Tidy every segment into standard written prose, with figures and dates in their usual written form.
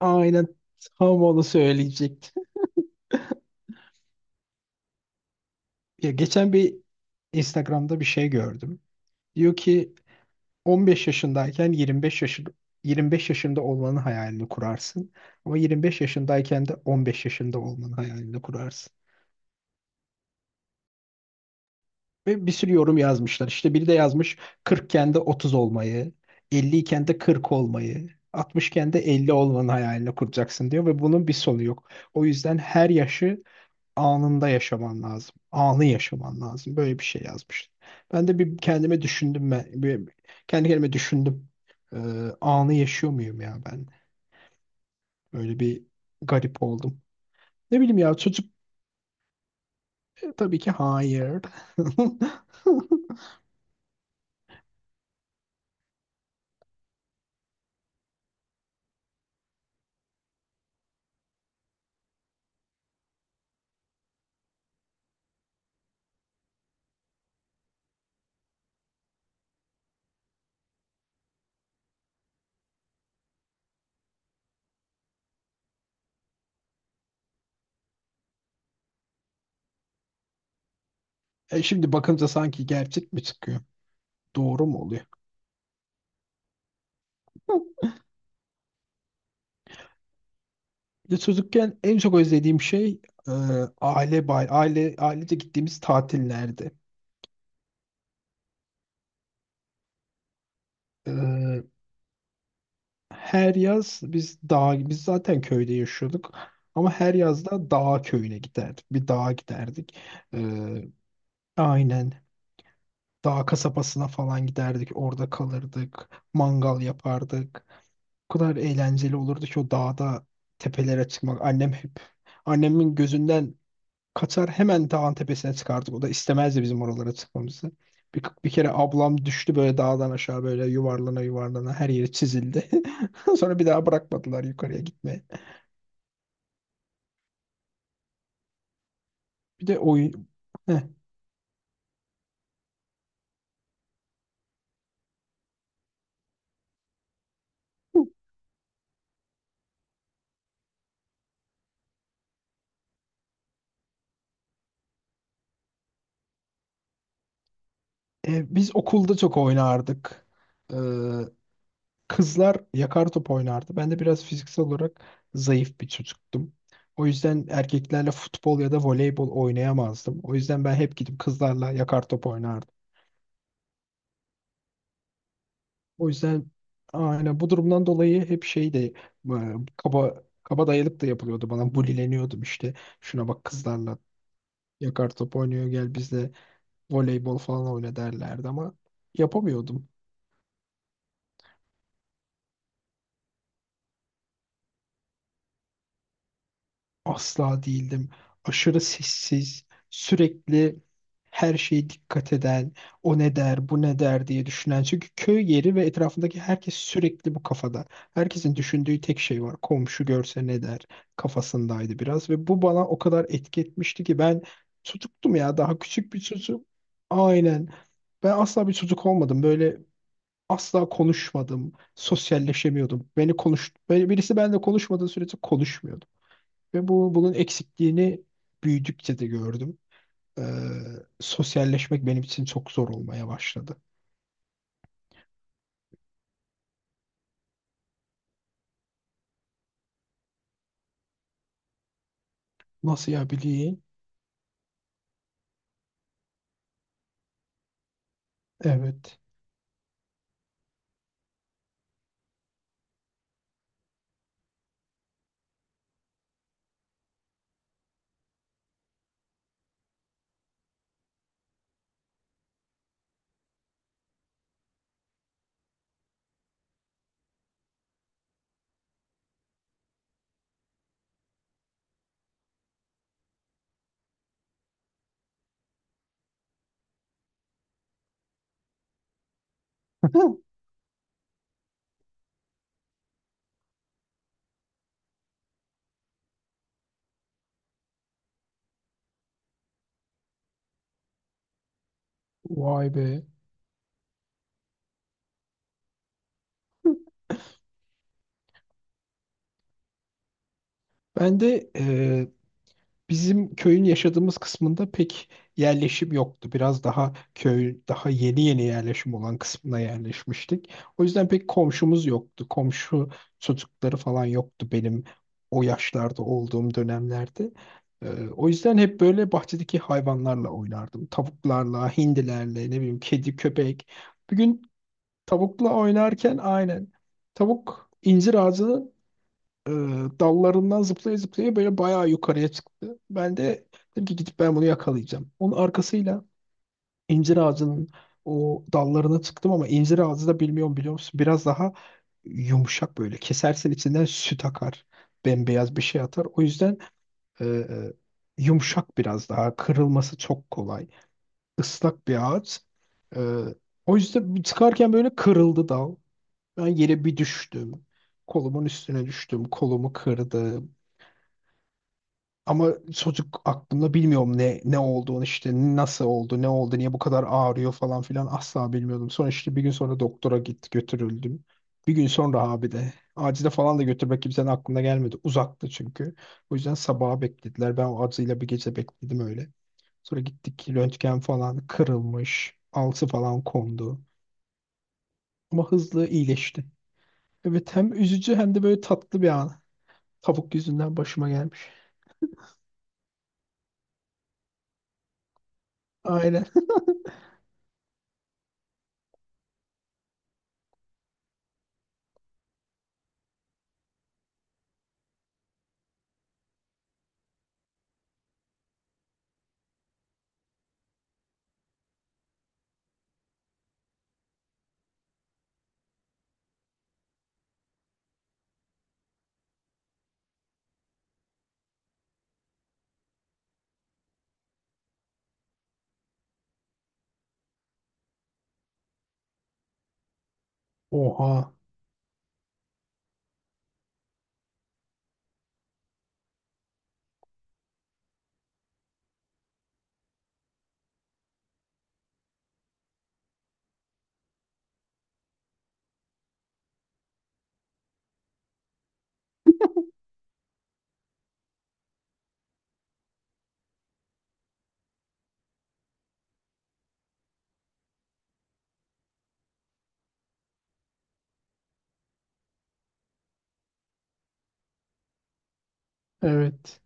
Aynen, tam onu söyleyecektim. Ya geçen Instagram'da bir şey gördüm. Diyor ki 15 yaşındayken 25 yaşında olmanın hayalini kurarsın. Ama 25 yaşındayken de 15 yaşında olmanın hayalini kurarsın. Ve bir sürü yorum yazmışlar. İşte biri de yazmış, 40'ken de 30 olmayı, 50'yken de 40 olmayı, 60'ken de 50 olmanın hayalini kuracaksın diyor ve bunun bir sonu yok. O yüzden her yaşı anında yaşaman lazım. Anı yaşaman lazım. Böyle bir şey yazmış. Ben de bir kendime düşündüm ben. Bir, Kendi kendime düşündüm. Ee, Anı yaşıyor muyum ya ben? Böyle bir garip oldum. Ne bileyim ya çocuk tabii ki hayır. E şimdi bakınca sanki gerçek mi çıkıyor? Doğru mu oluyor? Bir de çocukken en çok özlediğim şey e, aile ailece gittiğimiz tatillerdi. E, Her yaz biz zaten köyde yaşıyorduk ama her yaz da dağ köyüne giderdik. Bir dağa giderdik. Ee, aynen, dağ kasabasına falan giderdik. Orada kalırdık. Mangal yapardık. O kadar eğlenceli olurdu ki o dağda tepelere çıkmak. Annemin gözünden Katar hemen dağın tepesine çıkardık. O da istemezdi bizim oralara çıkmamızı. Bir kere ablam düştü böyle dağdan aşağı böyle yuvarlana yuvarlana, her yeri çizildi. Sonra bir daha bırakmadılar yukarıya gitmeye. Bir de oyun... Heh. E, biz okulda çok oynardık. Ee, Kızlar yakar top oynardı. Ben de biraz fiziksel olarak zayıf bir çocuktum. O yüzden erkeklerle futbol ya da voleybol oynayamazdım. O yüzden ben hep gidip kızlarla yakar top oynardım. O yüzden, aynen, bu durumdan dolayı hep kaba kaba dayalıp da yapılıyordu bana. Bulileniyordum işte. Şuna bak, kızlarla yakar top oynuyor, gel bizle voleybol falan oyna derlerdi ama yapamıyordum. Asla değildim. Aşırı sessiz, sürekli her şeye dikkat eden, o ne der, bu ne der diye düşünen. Çünkü köy yeri ve etrafındaki herkes sürekli bu kafada. Herkesin düşündüğü tek şey var. Komşu görse ne der kafasındaydı biraz. Ve bu bana o kadar etki etmişti ki ben çocuktum ya, daha küçük bir çocuk. Aynen. Ben asla bir çocuk olmadım. Böyle asla konuşmadım. Sosyalleşemiyordum. Böyle birisi benimle konuşmadığı sürece konuşmuyordum. Ve bunun eksikliğini büyüdükçe de gördüm. Ee, Sosyalleşmek benim için çok zor olmaya başladı. Nasıl ya bileyim? Evet. Vay be. Ben de bizim köyün yaşadığımız kısmında pek yerleşim yoktu. Biraz daha köy, daha yeni yeni yerleşim olan kısmına yerleşmiştik. O yüzden pek komşumuz yoktu. Komşu çocukları falan yoktu benim o yaşlarda olduğum dönemlerde. O yüzden hep böyle bahçedeki hayvanlarla oynardım. Tavuklarla, hindilerle, ne bileyim kedi, köpek. Bir gün tavukla oynarken, aynen, tavuk incir ağacını e, dallarından zıplaya zıplaya böyle bayağı yukarıya çıktı. Ben de dedim ki gidip ben bunu yakalayacağım. Onun arkasıyla incir ağacının o dallarına çıktım ama incir ağacı da bilmiyorum biliyor musun? Biraz daha yumuşak böyle. Kesersen içinden süt akar. Bembeyaz bir şey atar. O yüzden e, e, yumuşak biraz daha. Kırılması çok kolay. Islak bir ağaç. E, O yüzden çıkarken böyle kırıldı dal. Ben yere bir düştüm. Kolumun üstüne düştüm. Kolumu kırdı. Ama çocuk aklımda bilmiyorum ne olduğunu, işte nasıl oldu, ne oldu, niye bu kadar ağrıyor falan filan asla bilmiyordum. Sonra işte bir gün sonra doktora götürüldüm. Bir gün sonra abi de acile falan da götürmek kimsenin aklına gelmedi. Uzaktı çünkü. O yüzden sabaha beklediler. Ben o acıyla bir gece bekledim öyle. Sonra gittik, röntgen falan, kırılmış. Alçı falan kondu. Ama hızlı iyileşti. Evet, hem üzücü hem de böyle tatlı bir an. Tavuk yüzünden başıma gelmiş. Aynen. Oha. Evet.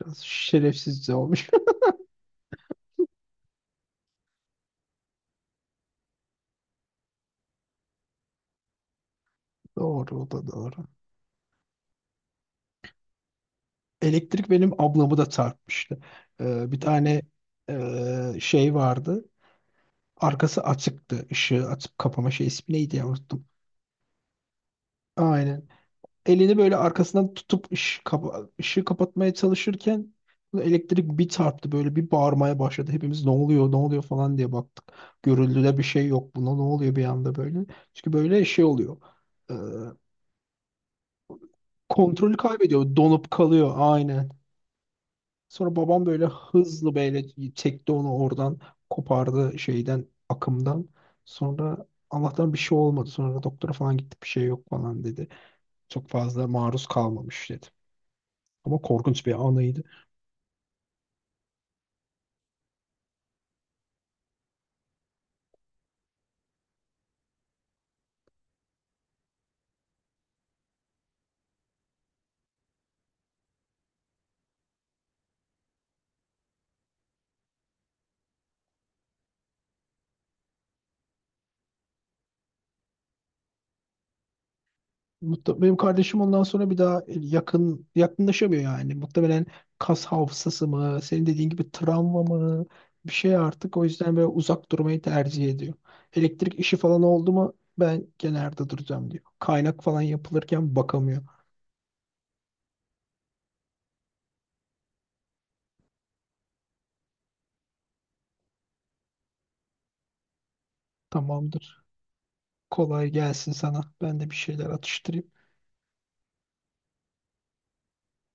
Biraz şerefsizce olmuş. Doğru, o da doğru. Elektrik benim ablamı da çarpmıştı. Bir tane şey vardı. Arkası açıktı. Işığı açıp kapama şey, ismi neydi ya, unuttum. Aynen. Elini böyle arkasından tutup ışığı kapatmaya çalışırken elektrik bir çarptı, böyle bir bağırmaya başladı. Hepimiz ne oluyor, ne oluyor falan diye baktık. Görüldüde bir şey yok, buna ne oluyor bir anda böyle. Çünkü böyle şey oluyor, e, kontrolü kaybediyor, donup kalıyor aynen. Sonra babam böyle hızlı böyle çekti onu oradan, kopardı şeyden, akımdan. Sonra Allah'tan bir şey olmadı. Sonra doktora falan gittik, bir şey yok falan dedi. Çok fazla maruz kalmamış dedi. Ama korkunç bir anıydı. Benim kardeşim ondan sonra bir daha yakınlaşamıyor yani. Muhtemelen kas hafızası mı, senin dediğin gibi travma mı, bir şey artık, o yüzden böyle uzak durmayı tercih ediyor. Elektrik işi falan oldu mu ben kenarda duracağım diyor. Kaynak falan yapılırken bakamıyor. Tamamdır. Kolay gelsin sana. Ben de bir şeyler atıştırayım.